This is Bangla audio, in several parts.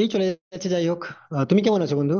এই চলে যাচ্ছে, যাই হোক। তুমি কেমন আছো, বন্ধু?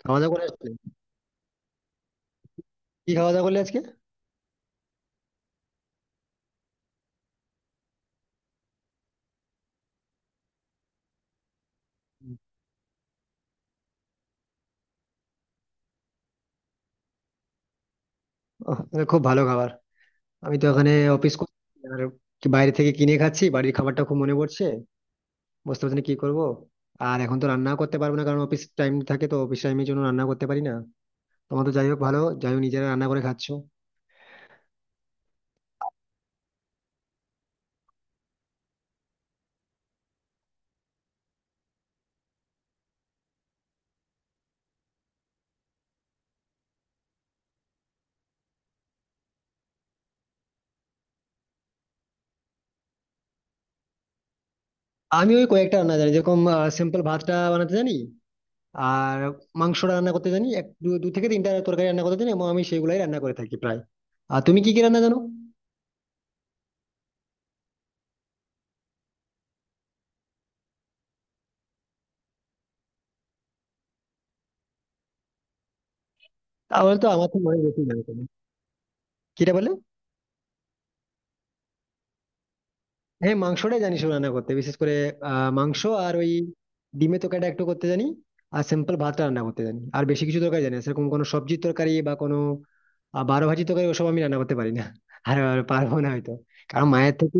খাওয়া দাওয়া করে আসলে? কি খাওয়া দাওয়া করলে আজকে? এটা খুব ভালো খাবার। আমি তো এখানে অফিস করছি, আর কি বাইরে থেকে কিনে খাচ্ছি। বাড়ির খাবারটা খুব মনে পড়ছে। বুঝতে পারছি না কি করবো। আর এখন তো রান্না করতে পারবো না, কারণ অফিস টাইম থাকে, তো অফিস টাইমের জন্য রান্না করতে পারি না। তোমার তো যাই হোক ভালো, যাই হোক নিজেরা রান্না করে খাচ্ছো। আমি ওই কয়েকটা রান্না জানি, যেরকম সিম্পল ভাতটা বানাতে জানি। আর মাংসটা রান্না করতে জানি, এক দু দু থেকে তিনটা তরকারি রান্না করতে জানি, এবং আমি সেগুলাই রান্না করে থাকি প্রায়। আর তুমি কি কি রান্না জানো? তাহলে তো আমার থেকে অনেক বেশি জানতো। কিটা বলে? হ্যাঁ, মাংসটাই জানি শুধু রান্না করতে বিশেষ করে। মাংস। আর ওই ডিমের তরকারিটা একটু করতে জানি। আর সিম্পল ভাতটা রান্না করতে জানি, আর বেশি কিছু তরকারি জানি না। সেরকম কোনো সবজির তরকারি বা কোনো বারো ভাজি তরকারি ওসব আমি রান্না করতে পারি না। আর আর পারবো না হয়তো। কারণ মায়ের থেকে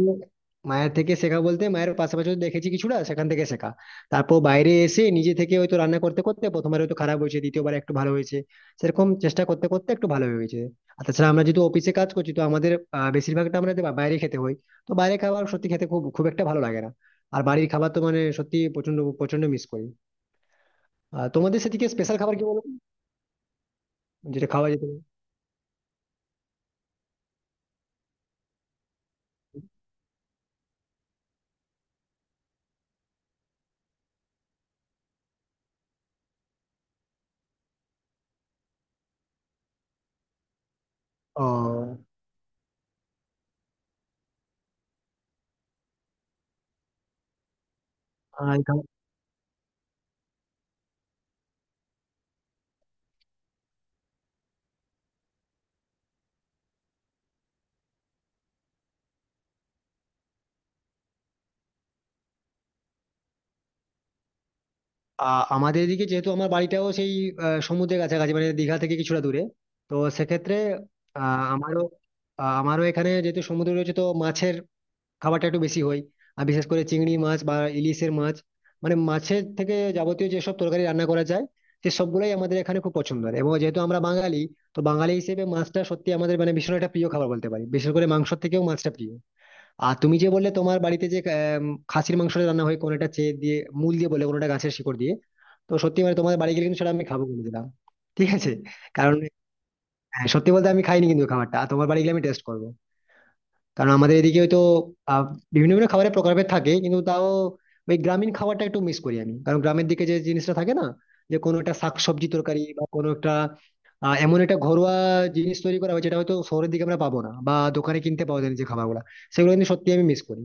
মায়ের থেকে শেখা বলতে, মায়ের পাশাপাশি হয়তো দেখেছি কিছুটা, সেখান থেকে শেখা। তারপর বাইরে এসে নিজে থেকে হয়তো রান্না করতে করতে, প্রথমবার হয়তো খারাপ হয়েছে, দ্বিতীয়বার একটু ভালো হয়েছে। সেরকম চেষ্টা করতে করতে একটু ভালো হয়েছে। আর তাছাড়া আমরা যেহেতু অফিসে কাজ করছি, তো আমাদের বেশিরভাগটা আমাদের বাইরে খেতে হয়। তো বাইরের খাবার সত্যি খেতে খুব খুব একটা ভালো লাগে না। আর বাড়ির খাবার তো মানে সত্যি প্রচন্ড প্রচন্ড মিস করি। আর তোমাদের সেদিকে স্পেশাল খাবার কি, বলো তো? যেটা খাওয়া যেতে পারে। ও। আর এই আমাদের এদিকে, যেহেতু আমার বাড়িটাও সেই সমুদ্রের কাছাকাছি, মানে দীঘা থেকে কিছুটা দূরে, তো সেক্ষেত্রে আহ আমারও আমারও এখানে যেহেতু সমুদ্র রয়েছে, তো মাছের খাবারটা একটু বেশি হয়। আর বিশেষ করে চিংড়ি মাছ বা ইলিশের মাছ, মানে মাছের থেকে যাবতীয় যেসব তরকারি রান্না করা যায়, সে সবগুলোই আমাদের এখানে খুব পছন্দের। এবং যেহেতু আমরা বাঙালি, তো বাঙালি হিসেবে মাছটা সত্যি আমাদের মানে ভীষণ একটা প্রিয় খাবার বলতে পারি, বিশেষ করে মাংসের থেকেও মাছটা প্রিয়। আর তুমি যে বললে তোমার বাড়িতে যে খাসির মাংসটা রান্না হয় কোনোটা চেয়ে দিয়ে মূল দিয়ে বলে, কোনোটা গাছের শিকড় দিয়ে, তো সত্যি মানে তোমার বাড়ি গেলে কিন্তু সেটা আমি খাবো বলে দিলাম, ঠিক আছে? কারণ হ্যাঁ, সত্যি বলতে আমি খাইনি কিন্তু খাবারটা, আর তোমার বাড়ি গেলে আমি টেস্ট করবো। কারণ আমাদের এদিকে হয়তো আহ, বিভিন্ন বিভিন্ন খাবারের প্রকারভেদ থাকে, কিন্তু তাও ওই গ্রামীণ খাবারটা একটু মিস করি আমি। কারণ গ্রামের দিকে যে জিনিসটা থাকে, না যে কোনো একটা শাকসবজি তরকারি বা কোনো একটা এমন একটা ঘরোয়া জিনিস তৈরি করা হয়, যেটা হয়তো শহরের দিকে আমরা পাবো না, বা দোকানে কিনতে পাওয়া যায় না যে খাবারগুলো, সেগুলো কিন্তু সত্যি আমি মিস করি।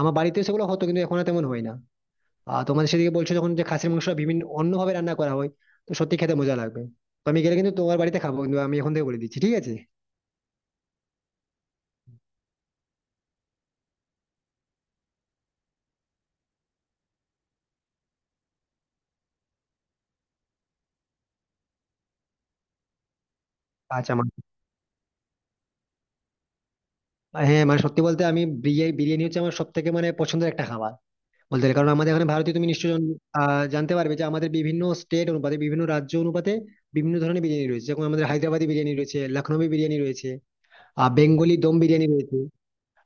আমার বাড়িতে সেগুলো হতো, কিন্তু এখন আর তেমন হয় না। আর তোমাদের সেদিকে বলছো যখন, যে খাসির মাংস বিভিন্ন অন্যভাবে রান্না করা হয়, তো সত্যি খেতে মজা লাগবে। তো আমি গেলে কিন্তু তোমার বাড়িতে খাবো, কিন্তু আমি এখন থেকে বলে দিচ্ছি, ঠিক আছে? আচ্ছা। আর হ্যাঁ মানে সত্যি বলতে আমি বিরিয়ানি বিরিয়ানি হচ্ছে আমার সব থেকে মানে পছন্দের একটা খাবার বলতে গেলে। কারণ আমাদের এখানে ভারতীয় তুমি নিশ্চয়ই জানতে পারবে যে আমাদের বিভিন্ন স্টেট অনুপাতে, বিভিন্ন রাজ্য অনুপাতে বিভিন্ন ধরনের বিরিয়ানি রয়েছে, যেমন আমাদের হায়দ্রাবাদি বিরিয়ানি রয়েছে, লখনৌই বিরিয়ানি রয়েছে, আর বেঙ্গলি দম বিরিয়ানি রয়েছে।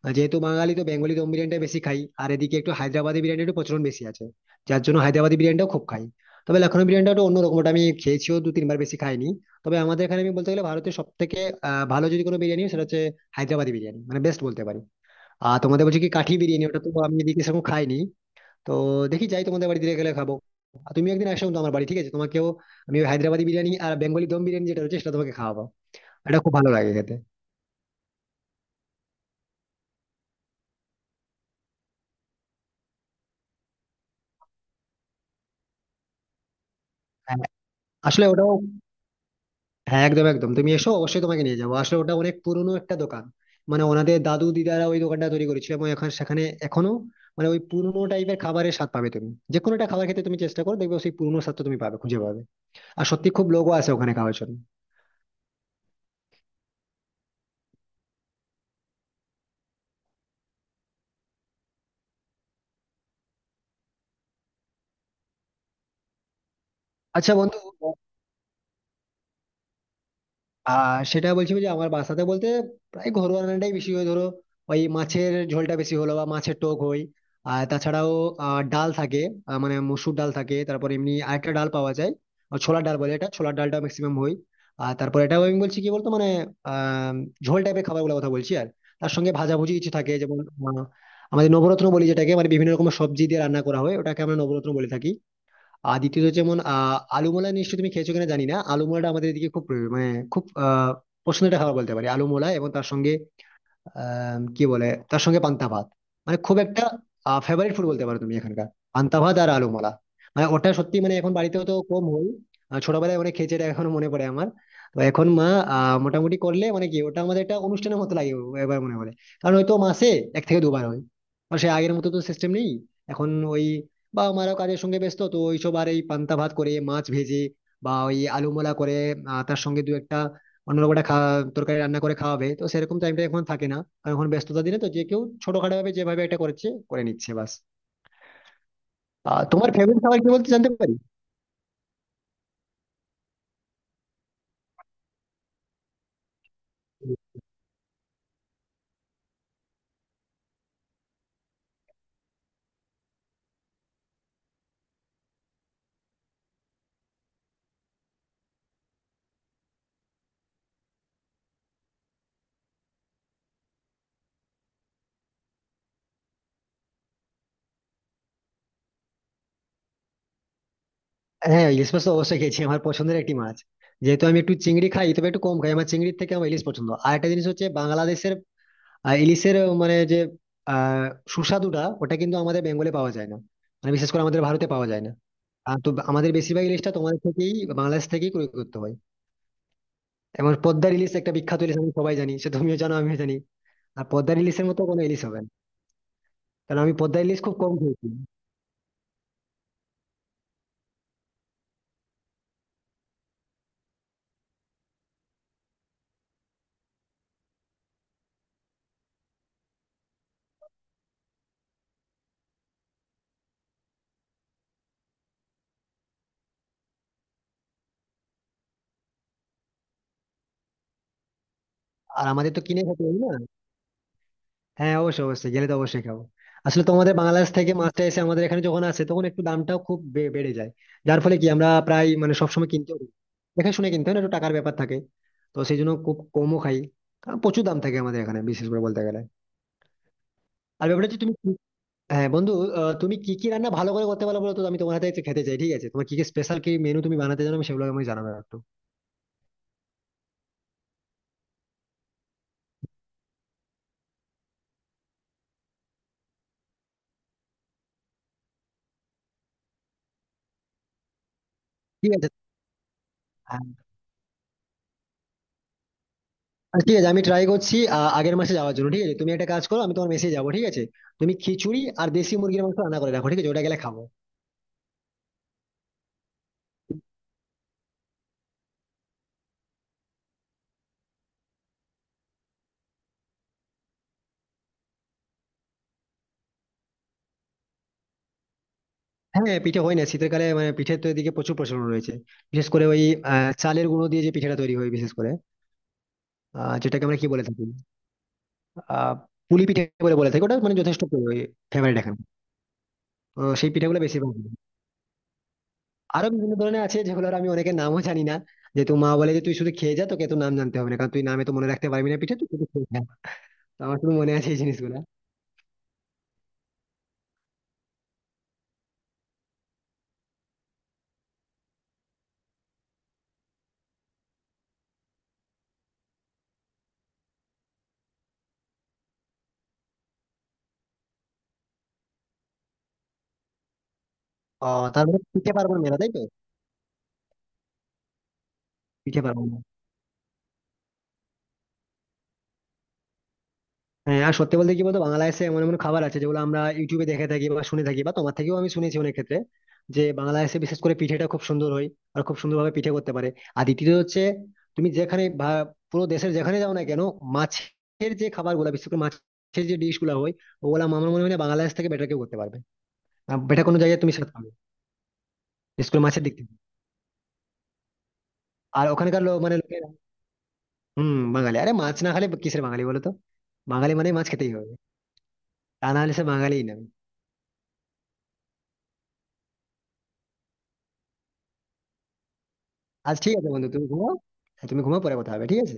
আর যেহেতু বাঙালি, তো বেঙ্গলি দম বিরিয়ানিটা বেশি খাই, আর এদিকে একটু হায়দ্রাবাদি বিরিয়ানির একটু প্রচলন বেশি আছে, যার জন্য হায়দ্রাবাদি বিরিয়ানিটাও খুব খাই। তবে লখনৌ বিরিয়ানিটা একটু অন্যরকম, ওটা আমি খেয়েছিও দু তিনবার, বেশি খাইনি। তবে আমাদের এখানে আমি বলতে গেলে ভারতের সব থেকে ভালো যদি কোনো বিরিয়ানি হয়, সেটা হচ্ছে হায়দ্রাবাদি বিরিয়ানি, মানে বেস্ট বলতে পারি। আর তোমাদের বলছি কি, কাঠি বিরিয়ানি ওটা তো আমি এদিকে সেরকম খাইনি। তো দেখি, যাই তোমাদের বাড়িতে গেলে খাবো। আর তুমি একদিন আসো তো আমার বাড়ি, ঠিক আছে? তোমাকেও আমি ওই হায়দ্রাবাদি বিরিয়ানি আর বেঙ্গলি দম বিরিয়ানি যেটা রয়েছে, সেটা তোমাকে খাওয়াবো। এটা খুব ভালো লাগে খেতে। হ্যাঁ, আসলে ওটাও, হ্যাঁ, একদম একদম তুমি এসো, অবশ্যই তোমাকে নিয়ে যাবো। আসলে ওটা অনেক পুরনো একটা দোকান, মানে ওনাদের দাদু দিদারা ওই দোকানটা তৈরি করেছিল, এবং এখন সেখানে এখনো মানে ওই পুরনো টাইপের খাবারের স্বাদ পাবে তুমি। যে কোনো একটা খাবার খেতে তুমি চেষ্টা করো, দেখবে সেই পুরনো স্বাদটা তুমি পাবে, খুঁজে পাবে। আর সত্যি খুব লোকও আছে ওখানে খাওয়ার জন্য। আচ্ছা বন্ধু, আর সেটা বলছি যে আমার বাসাতে বলতে প্রায় ঘরোয়া রান্নাটাই বেশি হয়। ধরো, ওই মাছের ঝোলটা বেশি হলো, বা মাছের টক হয়। আর তাছাড়াও ডাল থাকে, মানে মসুর ডাল থাকে, তারপর এমনি আরেকটা ডাল পাওয়া যায়, ছোলার ডাল বলে। এটা ছোলার ডালটা ম্যাক্সিমাম হয়। আর তারপর এটাও আমি বলছি কি বলতো মানে আহ ঝোল টাইপের খাবারগুলোর কথা বলছি। আর তার সঙ্গে ভাজাভুজি কিছু থাকে, যেমন আহ, আমাদের নবরত্ন বলি যেটাকে, মানে বিভিন্ন রকমের সবজি দিয়ে রান্না করা হয়, ওটাকে আমরা নবরত্ন বলে থাকি। আর দ্বিতীয়ত যেমন আলুমলা, নিশ্চয়ই তুমি খেয়েছো কিনা জানি না, আলুমলাটা আমাদের এদিকে খুব প্রিয়, মানে খুব পছন্দের একটা খাবার বলতে পারি আলুমলা। এবং তার সঙ্গে আহ কি বলে তার সঙ্গে পান্তা ভাত, মানে খুব একটা ফেভারিট ফুড বলতে পারো তুমি এখানকার, পান্তা ভাত আর আলু মালা। মানে ওটা সত্যি মানে এখন বাড়িতেও তো কম হয়। ছোটবেলায় অনেক খেয়েছি এটা, এখনো মনে পড়ে আমার। তো এখন মা মোটামুটি করলে মানে কি, ওটা আমাদের একটা অনুষ্ঠানের মতো লাগে এবার, মনে হলে। কারণ হয়তো মাসে এক থেকে দুবার হয়। আর সে আগের মতো তো সিস্টেম নেই এখন। ওই বা আমারও কাজের সঙ্গে ব্যস্ত, তো ওইসব আর এই পান্তা ভাত করে মাছ ভেজে, বা ওই আলু মোলা করে, তার সঙ্গে দু একটা অন্য লোক একটা তরকারি রান্না করে খাওয়াবে, তো সেরকম টাইমটা এখন থাকে না। কারণ এখন ব্যস্ততা দিনে তো যে কেউ ছোটখাটো ভাবে যেভাবে এটা করছে করে নিচ্ছে, বাস। তোমার ফেভারিট খাবার কি, বলতে জানতে পারি? হ্যাঁ, ইলিশ মাছ তো অবশ্যই খেয়েছি, আমার পছন্দের একটি মাছ। যেহেতু আমি একটু চিংড়ি খাই, তবে একটু কম খাই, আমার চিংড়ির থেকে আমার ইলিশ পছন্দ। আর একটা জিনিস হচ্ছে বাংলাদেশের ইলিশের মানে যে আহ সুস্বাদুটা, ওটা কিন্তু আমাদের বেঙ্গলে পাওয়া যায় না, মানে বিশেষ করে আমাদের ভারতে পাওয়া যায় না। তো আমাদের বেশিরভাগ ইলিশটা তোমাদের থেকেই, বাংলাদেশ থেকেই ক্রয় করতে হয়। এবং পদ্মার ইলিশ একটা বিখ্যাত ইলিশ, আমি সবাই জানি, সে তুমিও জানো, আমিও জানি। আর পদ্মার ইলিশের মতো কোনো ইলিশ হবে না, কারণ আমি পদ্মার ইলিশ খুব কম খেয়েছি। আর আমাদের তো কিনে খেতে হবে না। হ্যাঁ, অবশ্যই অবশ্যই গেলে তো অবশ্যই খাবো। আসলে তোমাদের বাংলাদেশ থেকে মাছটা এসে আমাদের এখানে যখন আসে, তখন একটু দামটাও খুব বেড়ে যায়, যার ফলে কি আমরা প্রায় মানে সবসময় কিনতে পারি। দেখে শুনে কিনতে হয় না, একটু টাকার ব্যাপার থাকে, তো সেই জন্য খুব কমও খাই, কারণ প্রচুর দাম থাকে আমাদের এখানে বিশেষ করে বলতে গেলে। আর ব্যাপারটা হচ্ছে তুমি হ্যাঁ বন্ধু, তুমি কি কি রান্না ভালো করে করতে পারো বলো তো, আমি তোমার হাতে একটু খেতে চাই, ঠিক আছে? তোমার কি কি স্পেশাল কি মেনু তুমি বানাতে জানো, আমি সেগুলো আমি জানাবো একটু। ঠিক আছে। হ্যাঁ। ঠিক আছে, আমি ট্রাই করছি, আগের মাসে যাওয়ার জন্য, ঠিক আছে? তুমি একটা কাজ করো, আমি তোমার মেসে যাবো, ঠিক আছে? তুমি খিচুড়ি আর দেশি মুরগির মাংস রান্না করে রাখো, ঠিক আছে? ওটা গেলে খাবো। হ্যাঁ হ্যাঁ, পিঠে হয় না শীতকালে, মানে পিঠের তো এদিকে প্রচুর প্রচলন রয়েছে। বিশেষ করে ওই চালের গুঁড়ো দিয়ে যে পিঠেটা তৈরি হয় বিশেষ করে, যেটাকে আমরা কি বলে থাকি, আহ পুলি পিঠে বলে বলে থাকি। ওটা মানে যথেষ্ট ফেভারিট এখন। তো সেই পিঠেগুলো বেশি ভালো লাগে। আরো বিভিন্ন ধরনের আছে যেগুলোর আমি অনেকের নামও জানি না। যেহেতু মা বলে যে, তুই শুধু খেয়ে যা, তোকে তো নাম জানতে হবে না, কারণ তুই নামে তো মনে রাখতে পারবি না পিঠে, তুই শুধু খেয়ে যা। তো আমার শুধু মনে আছে এই জিনিসগুলো। ও, তার মানে পিঠে পার্বণ মেলা, তাই তো? পিঠে পার্বণ মেলা। হ্যাঁ, আর সত্যি বলতে কি বলতো, বাংলাদেশে এমন এমন খাবার আছে যেগুলো আমরা ইউটিউবে দেখে থাকি বা শুনে থাকি, বা তোমার থেকেও আমি শুনেছি অনেক ক্ষেত্রে, যে বাংলাদেশে বিশেষ করে পিঠেটা খুব সুন্দর হয়, আর খুব সুন্দরভাবে পিঠে করতে পারে। আর দ্বিতীয়ত হচ্ছে, তুমি যেখানে পুরো দেশের যেখানে যাও না কেন, মাছের যে খাবার গুলা, বিশেষ করে মাছের যে ডিশ গুলা হয়, ওগুলা আমার মনে হয় না বাংলাদেশ থেকে বেটার কেউ করতে পারবে, বেটার কোনো জায়গায় তুমি সেটা পাবে, বিশেষ করে মাছের দিক থেকে। আর ওখানকার লোক মানে লোকেরা, হম বাঙালি, আরে মাছ না খেলে কিসের বাঙালি বলো তো? বাঙালি মানে মাছ খেতেই হবে, তা না হলে সে বাঙালিই না। আজ ঠিক আছে বন্ধু, তুমি ঘুমাও। হ্যাঁ তুমি ঘুমাও, পরে কথা হবে, ঠিক আছে।